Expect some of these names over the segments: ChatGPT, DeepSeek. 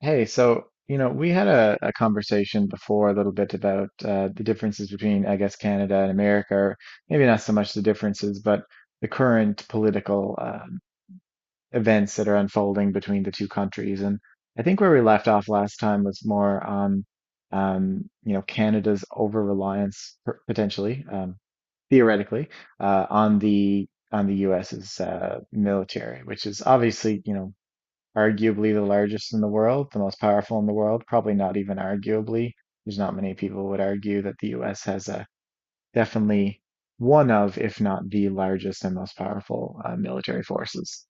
Hey, so you know, we had a conversation before a little bit about the differences between, I guess, Canada and America, or maybe not so much the differences, but the current political events that are unfolding between the two countries. And I think where we left off last time was more on, you know, Canada's over-reliance potentially, theoretically, uh, on the on the US's military, which is obviously, you know, arguably the largest in the world, the most powerful in the world, probably not even arguably. There's not many people would argue that the US has a definitely one of, if not the largest and most powerful military forces.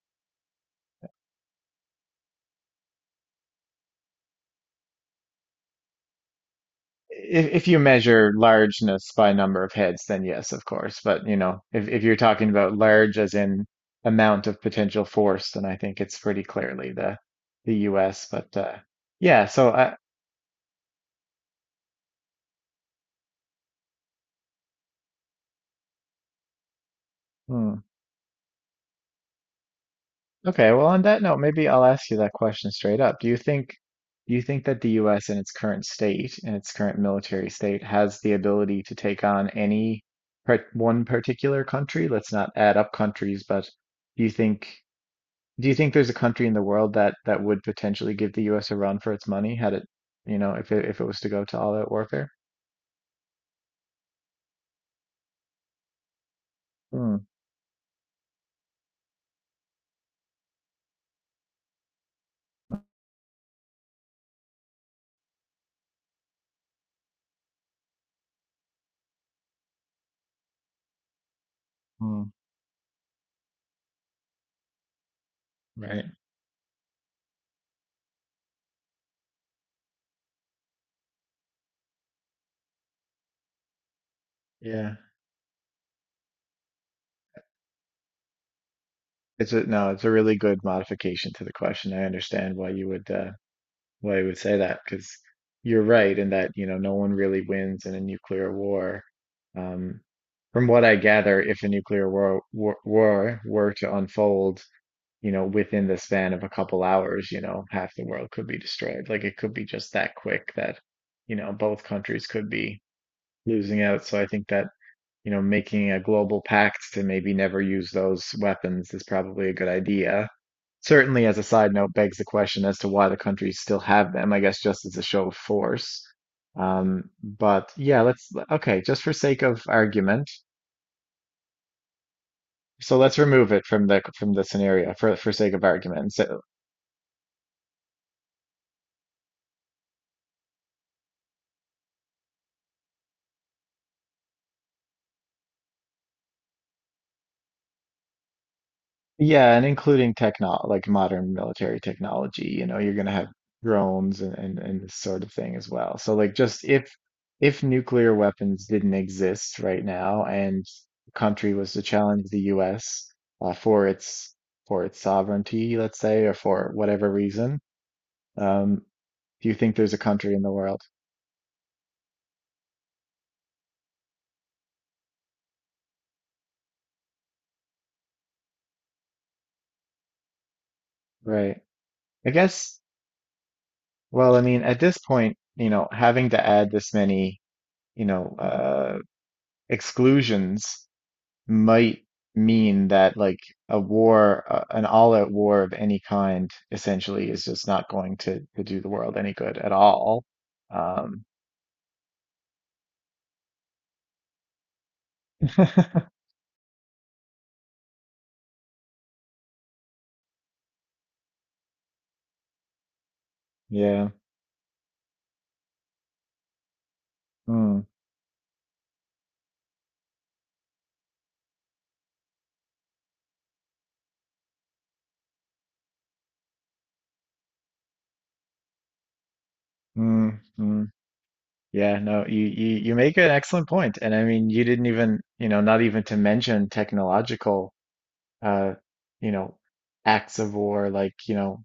If you measure largeness by number of heads, then yes, of course. But you know, if you're talking about large as in amount of potential force, then I think it's pretty clearly the US. But yeah, so I, hmm. Okay, well, on that note, maybe I'll ask you that question straight up. Do you think that the US in its current state, in its current military state, has the ability to take on any one particular country? Let's not add up countries, but do you think do you think there's a country in the world that that would potentially give the US a run for its money had it, you know, if it was to go to all-out warfare? Hmm, hmm, right. Yeah. It's a no, it's a really good modification to the question. I understand why you would why we would say that because you're right in that you know no one really wins in a nuclear war. Um, from what I gather, if a nuclear war were to unfold, you know, within the span of a couple hours, you know, half the world could be destroyed. Like it could be just that quick that, you know, both countries could be losing out. So I think that, you know, making a global pact to maybe never use those weapons is probably a good idea. Certainly, as a side note, begs the question as to why the countries still have them, I guess just as a show of force. But yeah, let's okay, just for sake of argument. So let's remove it from the scenario for sake of argument. So, yeah, and including techno like modern military technology, you know, you're gonna have drones and this sort of thing as well. So like just if nuclear weapons didn't exist right now and the country was to challenge the US uh, for its for its sovereignty, let's say, or for whatever reason, um, do you think there's a country in the world? Right. I guess, well, I mean, at this point, you know, having to add this many, you know, exclusions might mean that like a war, an all-out war of any kind, essentially is just not going to do the world any good at all. Um, yeah. Mm, mm, mm. Yeah, no, you make an excellent point. And I mean, you didn't even, you know, not even to mention technological, uh, you know, acts of war, like, you know,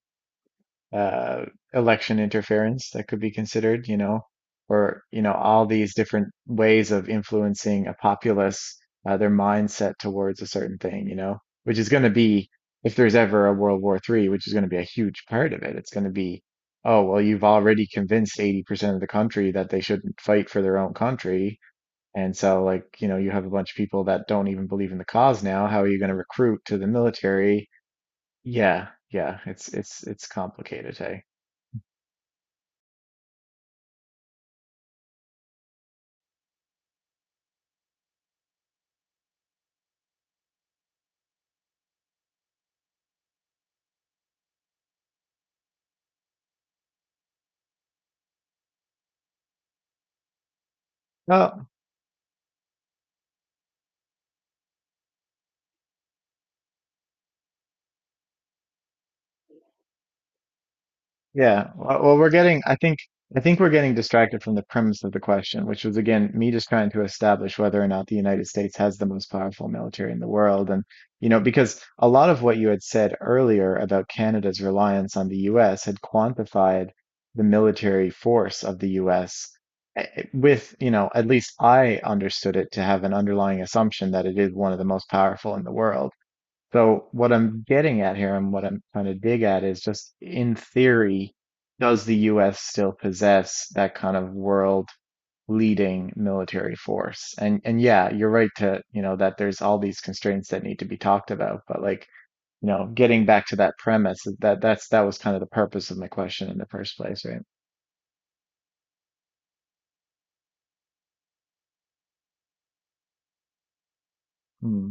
uh, election interference that could be considered, you know, or, you know, all these different ways of influencing a populace, their mindset towards a certain thing, you know, which is going to be, if there's ever a World War III, which is going to be a huge part of it, it's going to be, oh, well, you've already convinced 80% of the country that they shouldn't fight for their own country. And so, like, you know, you have a bunch of people that don't even believe in the cause now. How are you going to recruit to the military? Yeah, yeah, it's it's complicated, hey. Oh, yeah. We're getting, I think we're getting distracted from the premise of the question, which was again me just trying to establish whether or not the United States has the most powerful military in the world. And, you know, because a lot of what you had said earlier about Canada's reliance on the US had quantified the military force of the US with, you know, at least I understood it to have an underlying assumption that it is one of the most powerful in the world. So what I'm getting at here and what I'm trying to dig at is just in theory, does the US still possess that kind of world leading military force? And yeah, you're right to, you know, that there's all these constraints that need to be talked about, but like, you know, getting back to that premise, that that was kind of the purpose of my question in the first place, right? Mm-hmm.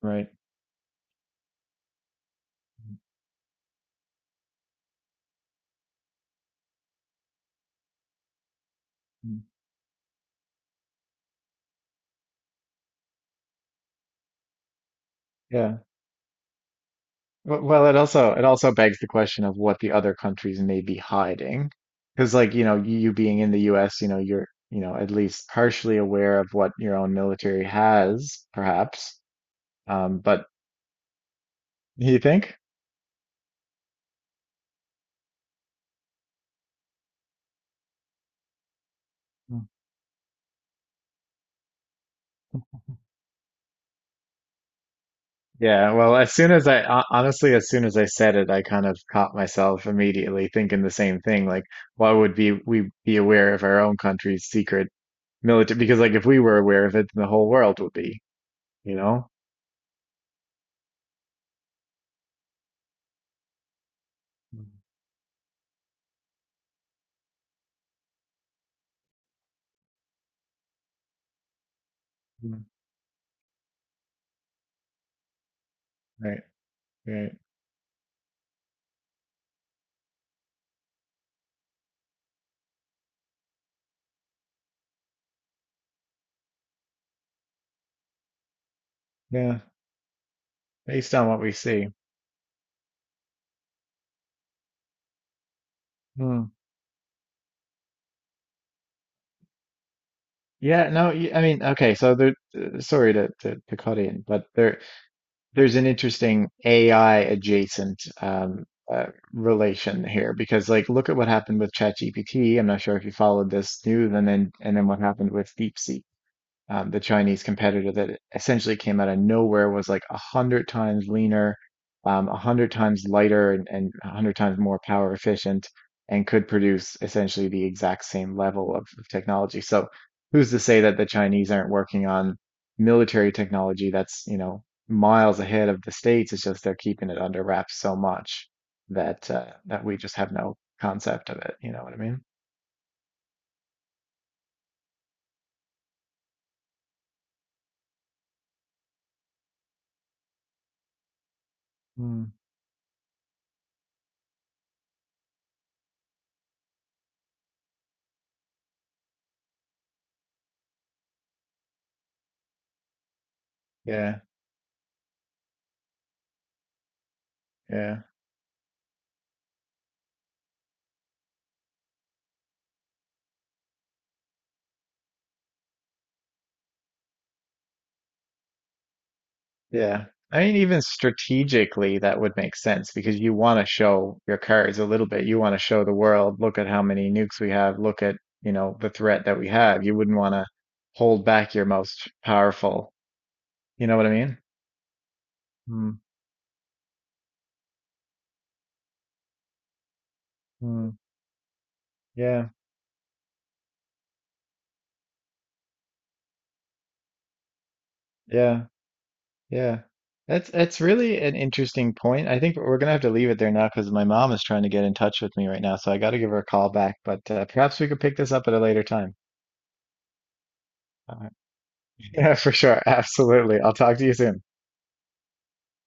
Right. Mm. Yeah. Well, it also begs the question of what the other countries may be hiding, because like you know you being in the U.S., you know you're you know at least partially aware of what your own military has, perhaps. But you think? Mm. Yeah. Well, as soon as I honestly, as soon as I said it, I kind of caught myself immediately thinking the same thing. Like, why would be we be aware of our own country's secret military? Because like if we were aware of it, then the whole world would be, you know? Mm. Right. Right. Yeah. Based on what we see. Hmm. Yeah, no, I mean, okay, so there, sorry to, to cut in, but there, there's an interesting AI adjacent uh, relation here because, like, look at what happened with ChatGPT. I'm not sure if you followed this news, and then what happened with DeepSeek. The Chinese competitor that essentially came out of nowhere, was like a hundred times leaner, a hundred times lighter, and a hundred times more power efficient, and could produce essentially the exact same level of technology. So, who's to say that the Chinese aren't working on military technology that's, you know, miles ahead of the States? It's just they're keeping it under wraps so much that that we just have no concept of it. You know what I mean? Mm. Yeah, yeah. Yeah. I mean, even strategically, that would make sense because you want to show your cards a little bit. You want to show the world, look at how many nukes we have, look at, you know, the threat that we have. You wouldn't want to hold back your most powerful. You know what I mean? Mm, mm, yeah, yeah, yeah. That's really an interesting point. I think we're gonna have to leave it there now because my mom is trying to get in touch with me right now, so I got to give her a call back. But perhaps we could pick this up at a later time. Uh, yeah, for sure. Absolutely. I'll talk to you soon.